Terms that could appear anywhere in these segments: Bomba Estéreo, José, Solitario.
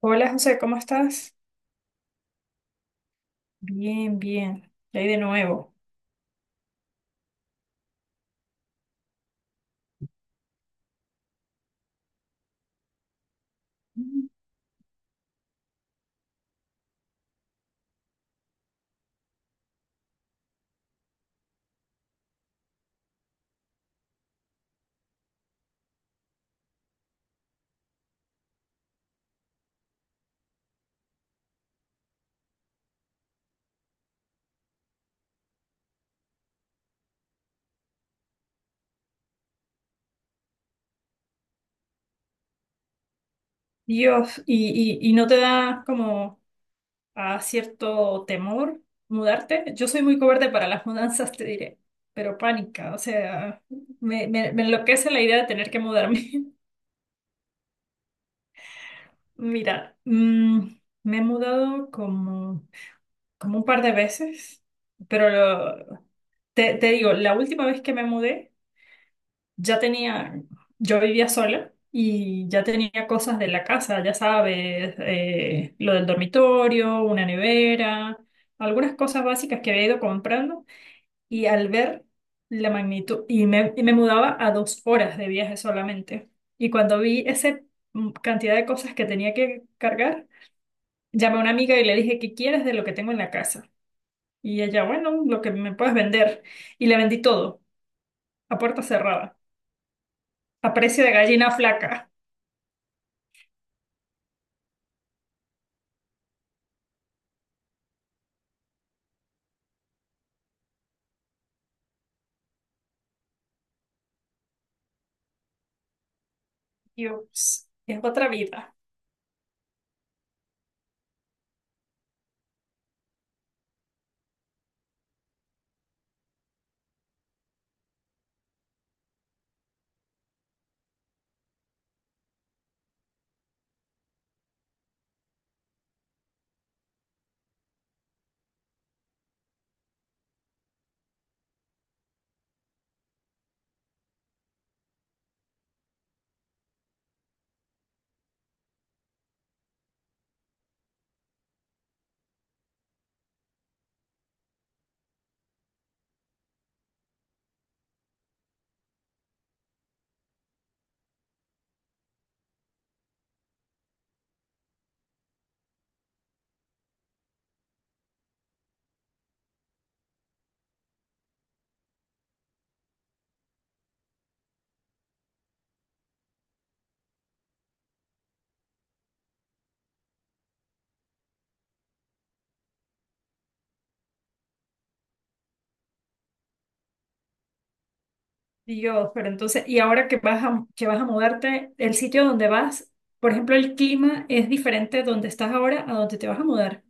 Hola José, ¿cómo estás? Bien, bien. Y ahí de nuevo. Dios, ¿y no te da como a cierto temor mudarte? Yo soy muy cobarde para las mudanzas, te diré, pero pánica, o sea, me enloquece la idea de tener que mudarme. Mira, me he mudado como un par de veces, pero te digo, la última vez que me mudé, ya tenía, yo vivía sola y ya tenía cosas de la casa, ya sabes, lo del dormitorio, una nevera, algunas cosas básicas que había ido comprando y al ver la magnitud, y me mudaba a 2 horas de viaje solamente. Y cuando vi esa cantidad de cosas que tenía que cargar, llamé a una amiga y le dije, ¿qué quieres de lo que tengo en la casa? Y ella, bueno, lo que me puedes vender. Y le vendí todo, a puerta cerrada, a precio de gallina flaca. Dios, es otra vida. Dios, pero entonces, y ahora que vas a mudarte, el sitio donde vas, por ejemplo, el clima es diferente donde estás ahora a donde te vas a mudar.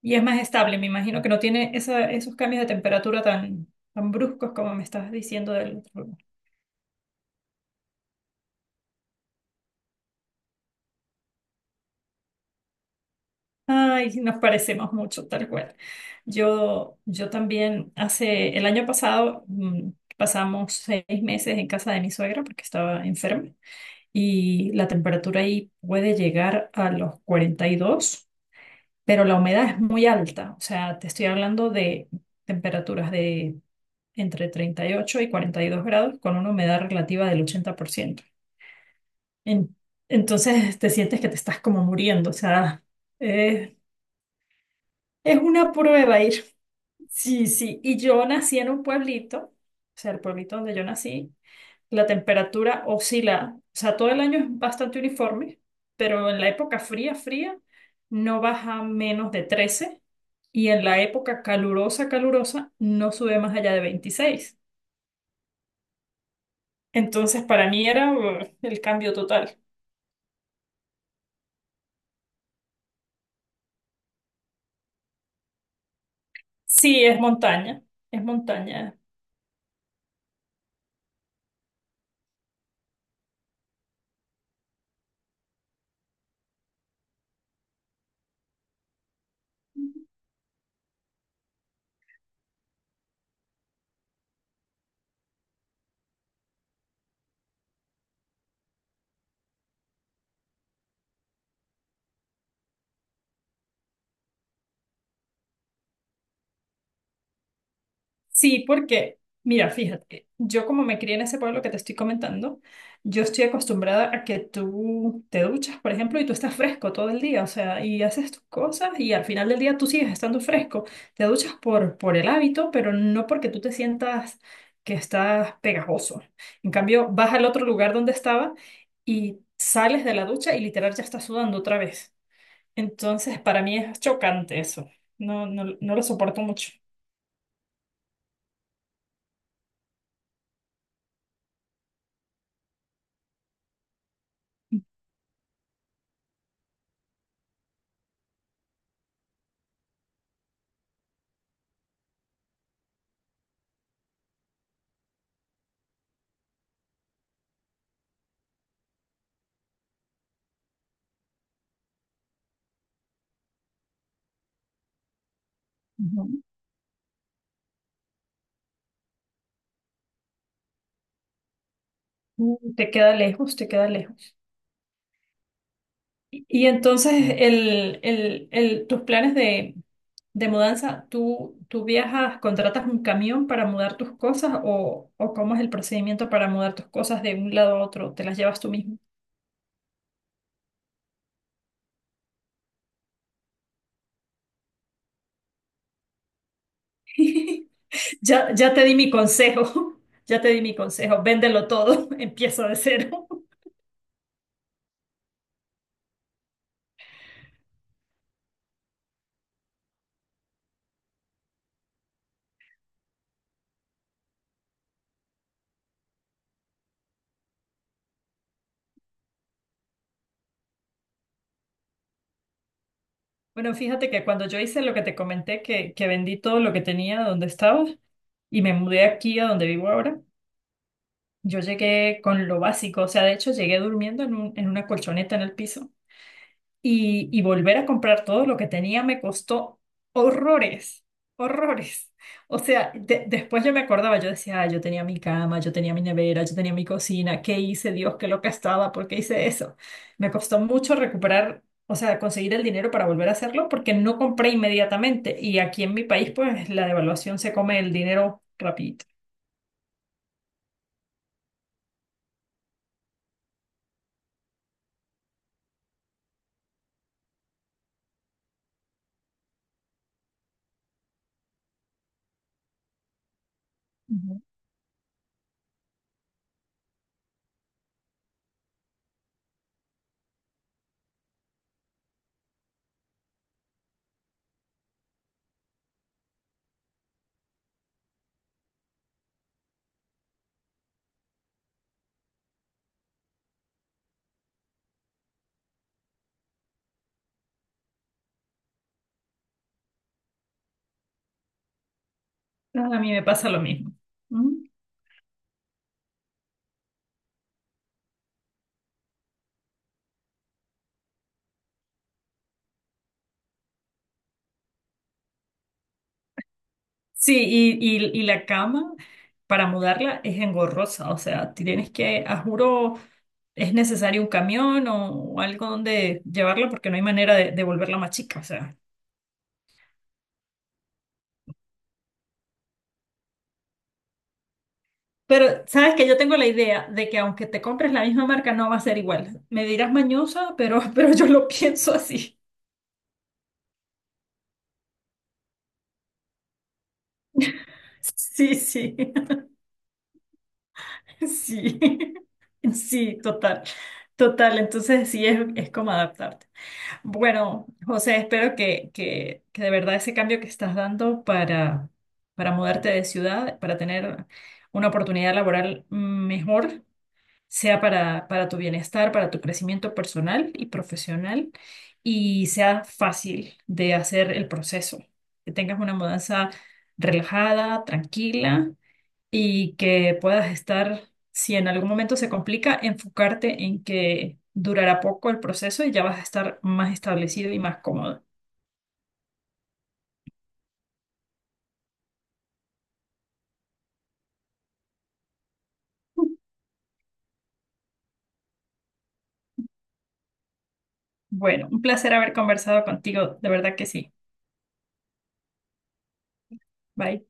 Y es más estable, me imagino que no tiene esos cambios de temperatura tan bruscos como me estás diciendo del otro lugar. Ay, nos parecemos mucho, tal cual. Yo también, hace el año pasado, pasamos 6 meses en casa de mi suegra porque estaba enferma. Y la temperatura ahí puede llegar a los 42, pero la humedad es muy alta. O sea, te estoy hablando de temperaturas de entre 38 y 42 grados con una humedad relativa del 80%. En- entonces te sientes que te estás como muriendo. O sea, eh, es una prueba ir. Sí, sí. Y yo nací en un pueblito, o sea, el pueblito donde yo nací. La temperatura oscila, o sea, todo el año es bastante uniforme, pero en la época fría, fría, no baja menos de 13 y en la época calurosa, calurosa, no sube más allá de 26. Entonces, para mí era el cambio total. Sí, es montaña, es montaña. Sí, porque, mira, fíjate, yo como me crié en ese pueblo que te estoy comentando, yo estoy acostumbrada a que tú te duchas, por ejemplo, y tú estás fresco todo el día, o sea, y haces tus cosas y al final del día tú sigues estando fresco. Te duchas por, el hábito, pero no porque tú te sientas que estás pegajoso. En cambio, vas al otro lugar donde estaba y sales de la ducha y literal ya estás sudando otra vez. Entonces, para mí es chocante eso. No, no, no lo soporto mucho. Ujú. Te queda lejos, te queda lejos. Y entonces, tus planes de mudanza, ¿tú viajas, contratas un camión para mudar tus cosas o, cómo es el procedimiento para mudar tus cosas de un lado a otro? ¿Te las llevas tú mismo? Ya, ya te di mi consejo, ya te di mi consejo, véndelo todo, empieza de cero. Bueno, fíjate que cuando yo hice lo que te comenté, que, vendí todo lo que tenía donde estaba y me mudé aquí a donde vivo ahora. Yo llegué con lo básico, o sea, de hecho llegué durmiendo en en una colchoneta en el piso y volver a comprar todo lo que tenía me costó horrores, horrores. O sea, después yo me acordaba, yo decía, ah yo tenía mi cama, yo tenía mi nevera, yo tenía mi cocina, ¿qué hice, Dios, qué loca estaba, por qué hice eso? Me costó mucho recuperar, o sea, conseguir el dinero para volver a hacerlo porque no compré inmediatamente y aquí en mi país, pues la devaluación se come el dinero rapidito. Ujú. No, a mí me pasa lo mismo. Ujú. Sí, y, y la cama para mudarla es engorrosa, o sea, tienes que, a juro, es necesario un camión o, algo donde llevarla porque no hay manera de volverla más chica, o sea. Pero sabes que yo tengo la idea de que aunque te compres la misma marca, no va a ser igual. Me dirás mañosa, pero, pero yo lo pienso así. Sí, sí, sí, sí, total, total. Entonces sí es, como adaptarte. Bueno, José, espero que de verdad ese cambio que estás dando para mudarte de ciudad, para tener una oportunidad laboral mejor, sea para tu bienestar, para tu crecimiento personal y profesional, y sea fácil de hacer el proceso, que tengas una mudanza relajada, tranquila y que puedas estar, si en algún momento se complica, enfocarte en que durará poco el proceso y ya vas a estar más establecido y más cómodo. Bueno, un placer haber conversado contigo, de verdad que sí. Bye.